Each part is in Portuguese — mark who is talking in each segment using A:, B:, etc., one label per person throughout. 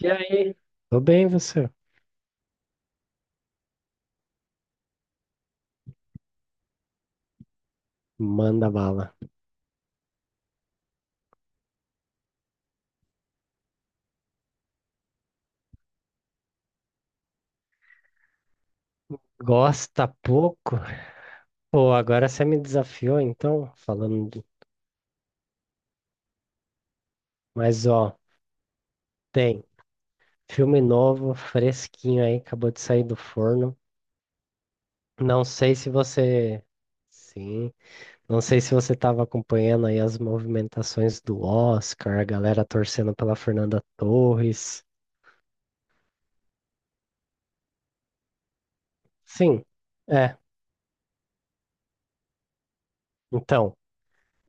A: E aí? Tô bem, você? Manda bala. Gosta pouco? Pô, agora você me desafiou, então, falando de... Mas, ó, tem filme novo, fresquinho aí, acabou de sair do forno. Não sei se você... Sim. Não sei se você tava acompanhando aí as movimentações do Oscar, a galera torcendo pela Fernanda Torres. Sim, é. Então,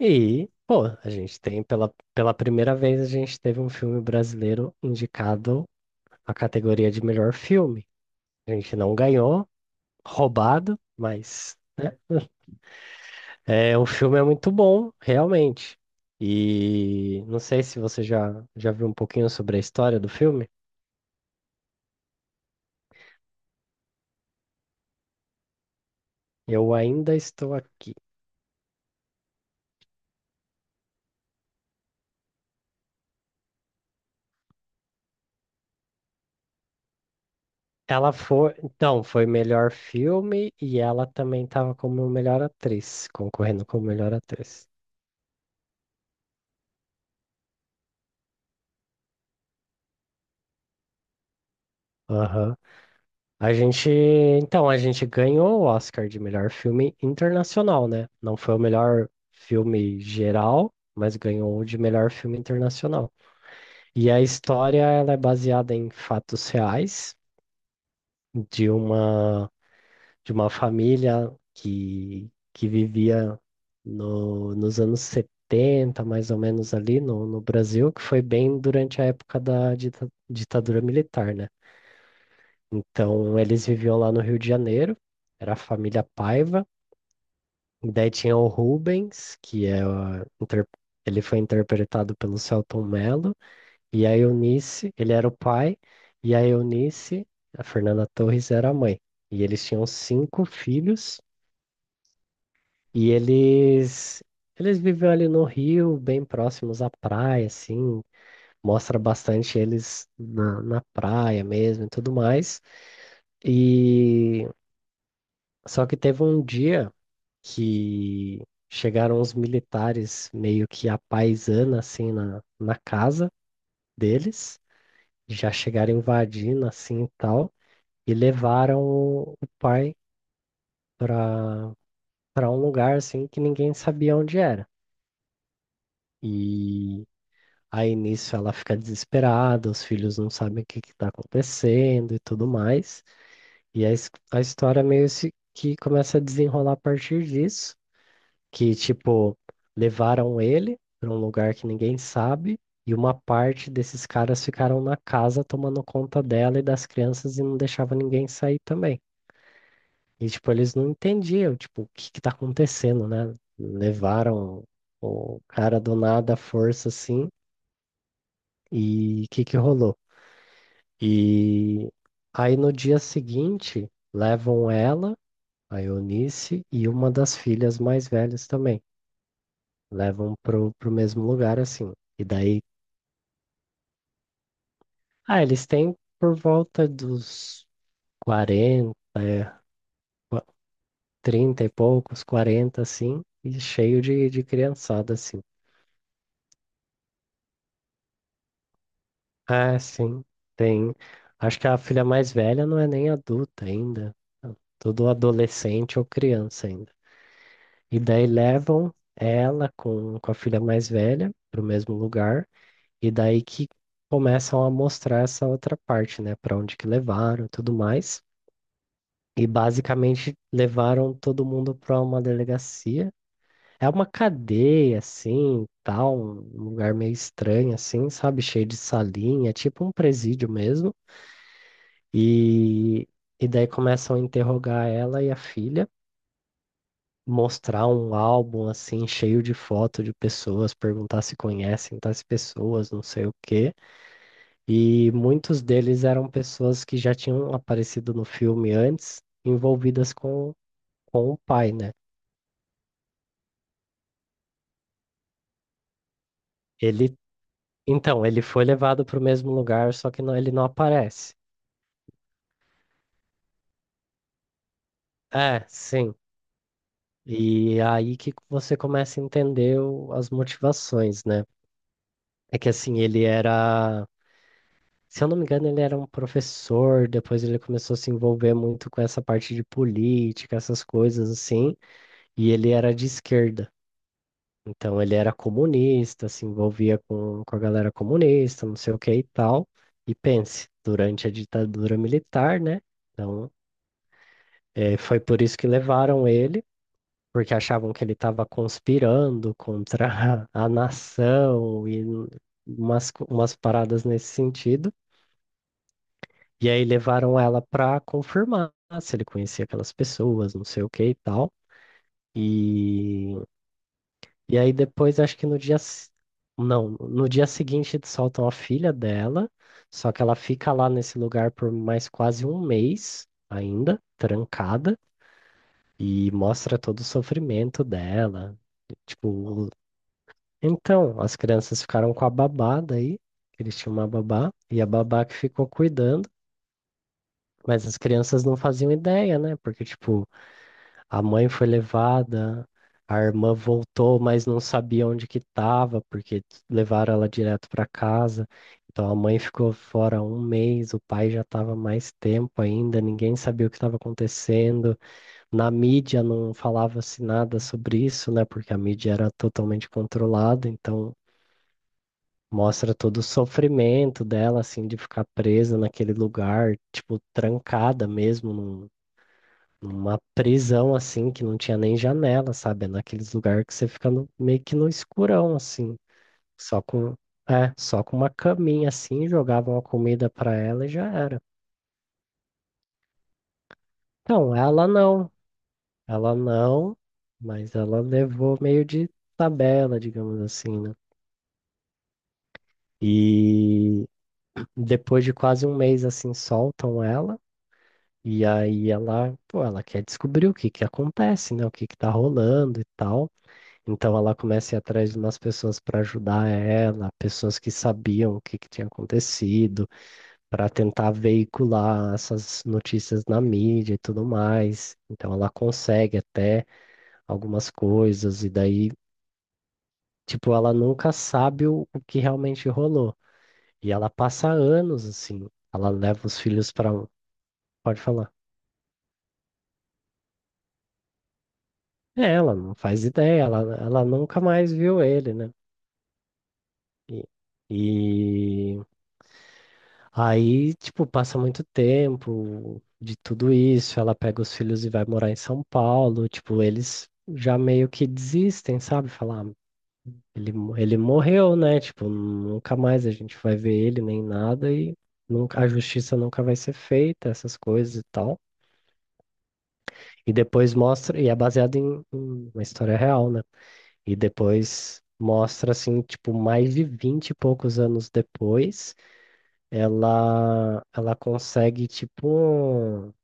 A: e, pô, a gente tem, pela primeira vez, a gente teve um filme brasileiro indicado à categoria de melhor filme. A gente não ganhou, roubado, mas é, o filme é muito bom, realmente. E não sei se você já viu um pouquinho sobre a história do filme. Eu ainda estou aqui. Ela foi, então, foi melhor filme e ela também estava como melhor atriz, concorrendo como melhor atriz. Aham. A gente, então, a gente ganhou o Oscar de melhor filme internacional, né? Não foi o melhor filme geral, mas ganhou o de melhor filme internacional. E a história, ela é baseada em fatos reais de uma de uma família que vivia no, nos anos 70 mais ou menos ali no Brasil, que foi bem durante a época da ditadura militar, né? Então, eles viviam lá no Rio de Janeiro, era a família Paiva, e daí tinha o Rubens, que é a ele foi interpretado pelo Selton Mello, e a Eunice, ele era o pai, e a Eunice, a Fernanda Torres, era a mãe. E eles tinham cinco filhos, e eles eles viviam ali no Rio, bem próximos à praia, assim, mostra bastante eles na praia mesmo e tudo mais. E só que teve um dia que chegaram os militares meio que à paisana, assim, na casa deles, já chegaram invadindo, assim, e tal, e levaram o pai para para um lugar, assim, que ninguém sabia onde era. E aí, nisso, ela fica desesperada, os filhos não sabem o que que tá acontecendo e tudo mais, e a história meio se- que começa a desenrolar a partir disso, que, tipo, levaram ele para um lugar que ninguém sabe, e uma parte desses caras ficaram na casa tomando conta dela e das crianças e não deixava ninguém sair também. E, tipo, eles não entendiam, tipo, o que que tá acontecendo, né? Levaram o cara do nada à força, assim, e o que que rolou? E aí no dia seguinte, levam ela, a Eunice, e uma das filhas mais velhas também. Levam pro mesmo lugar, assim. E daí, ah, eles têm por volta dos 40 é, qua- 30 e poucos, 40 assim, e cheio de criançada, assim. Ah, sim, tem. Acho que a filha mais velha não é nem adulta ainda. É tudo adolescente ou criança ainda. E daí levam ela com a filha mais velha pro mesmo lugar. E daí que começam a mostrar essa outra parte, né? Para onde que levaram e tudo mais. E basicamente levaram todo mundo para uma delegacia. É uma cadeia, assim, tal, um lugar meio estranho, assim, sabe? Cheio de salinha, tipo um presídio mesmo. E, e daí começam a interrogar ela e a filha, mostrar um álbum, assim, cheio de foto de pessoas, perguntar se conhecem tais pessoas, não sei o quê. E muitos deles eram pessoas que já tinham aparecido no filme antes, envolvidas com o pai, né? Ele Então, ele foi levado para o mesmo lugar, só que ele não aparece. É, sim. E aí que você começa a entender as motivações, né? É que assim, ele era, se eu não me engano, ele era um professor, depois ele começou a se envolver muito com essa parte de política, essas coisas assim, e ele era de esquerda. Então, ele era comunista, se envolvia com a galera comunista, não sei o que e tal. E pense, durante a ditadura militar, né? Então, foi por isso que levaram ele, porque achavam que ele estava conspirando contra a nação e umas, umas paradas nesse sentido. E aí levaram ela para confirmar se ele conhecia aquelas pessoas, não sei o que e tal. E, e aí depois, acho que no não, no dia seguinte eles soltam a filha dela, só que ela fica lá nesse lugar por mais quase um mês ainda, trancada. E mostra todo o sofrimento dela. Tipo, então, as crianças ficaram com a babá daí, que eles tinham uma babá, e a babá que ficou cuidando, mas as crianças não faziam ideia, né? Porque, tipo, a mãe foi levada, a irmã voltou, mas não sabia onde que tava, porque levaram ela direto para casa. Então a mãe ficou fora um mês, o pai já estava mais tempo ainda, ninguém sabia o que estava acontecendo. Na mídia não falava-se nada sobre isso, né? Porque a mídia era totalmente controlada, então mostra todo o sofrimento dela, assim, de ficar presa naquele lugar, tipo, trancada mesmo, numa prisão, assim, que não tinha nem janela, sabe? É naqueles lugares que você fica meio que no escurão, assim, só com, é, só com uma caminha, assim, jogavam a comida pra ela e já era. Então, ela não. Ela não, mas ela levou meio de tabela, digamos assim, né? E depois de quase um mês assim, soltam ela. E aí ela, pô, ela quer descobrir o que que acontece, né? O que que tá rolando e tal. Então ela começa a ir atrás de umas pessoas para ajudar ela, pessoas que sabiam o que que tinha acontecido, para tentar veicular essas notícias na mídia e tudo mais. Então ela consegue até algumas coisas e daí tipo, ela nunca sabe o que realmente rolou. E ela passa anos assim. Ela leva os filhos para. Pode falar. É, ela não faz ideia. Ela nunca mais viu ele, né? E, e aí, tipo, passa muito tempo de tudo isso. Ela pega os filhos e vai morar em São Paulo. Tipo, eles já meio que desistem, sabe? Falar, ele, ele morreu, né? Tipo, nunca mais a gente vai ver ele nem nada e nunca, a justiça nunca vai ser feita, essas coisas e tal. E depois mostra, e é baseado em uma história real, né? E depois mostra, assim, tipo, mais de 20 e poucos anos depois, ela consegue, tipo,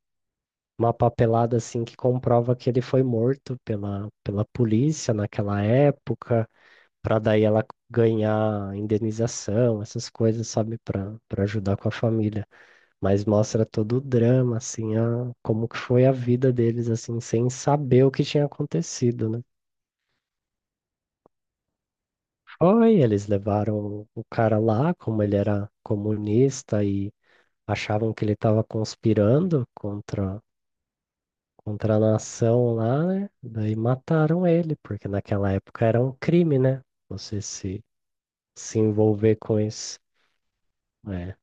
A: uma papelada, assim, que comprova que ele foi morto pela polícia naquela época. Para daí ela ganhar indenização, essas coisas, sabe, para ajudar com a família. Mas mostra todo o drama, assim, a, como que foi a vida deles, assim, sem saber o que tinha acontecido, né? Foi, eles levaram o cara lá, como ele era comunista e achavam que ele estava conspirando contra contra a nação lá, né? Daí mataram ele, porque naquela época era um crime, né? Você se envolver com isso. É.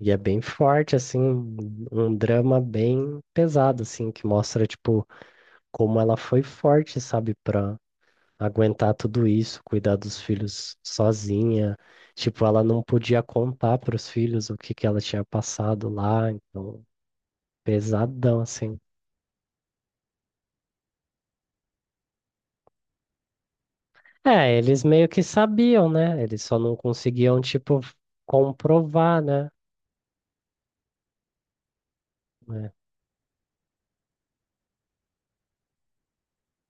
A: E é bem forte, assim, um um drama bem pesado, assim, que mostra, tipo, como ela foi forte, sabe, pra aguentar tudo isso, cuidar dos filhos sozinha. Tipo, ela não podia contar pros filhos o que que ela tinha passado lá, então, pesadão, assim. É, eles meio que sabiam, né? Eles só não conseguiam, tipo, comprovar, né? É,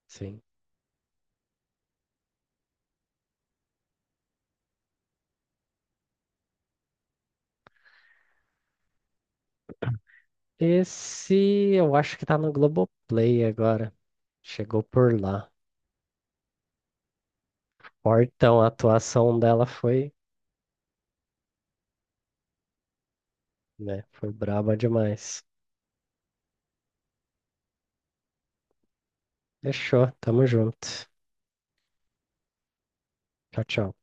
A: sim. Esse eu acho que tá no Globoplay agora. Chegou por lá. Fortão, a atuação dela foi, né? Foi braba demais. Fechou, tamo junto. Tchau, tchau.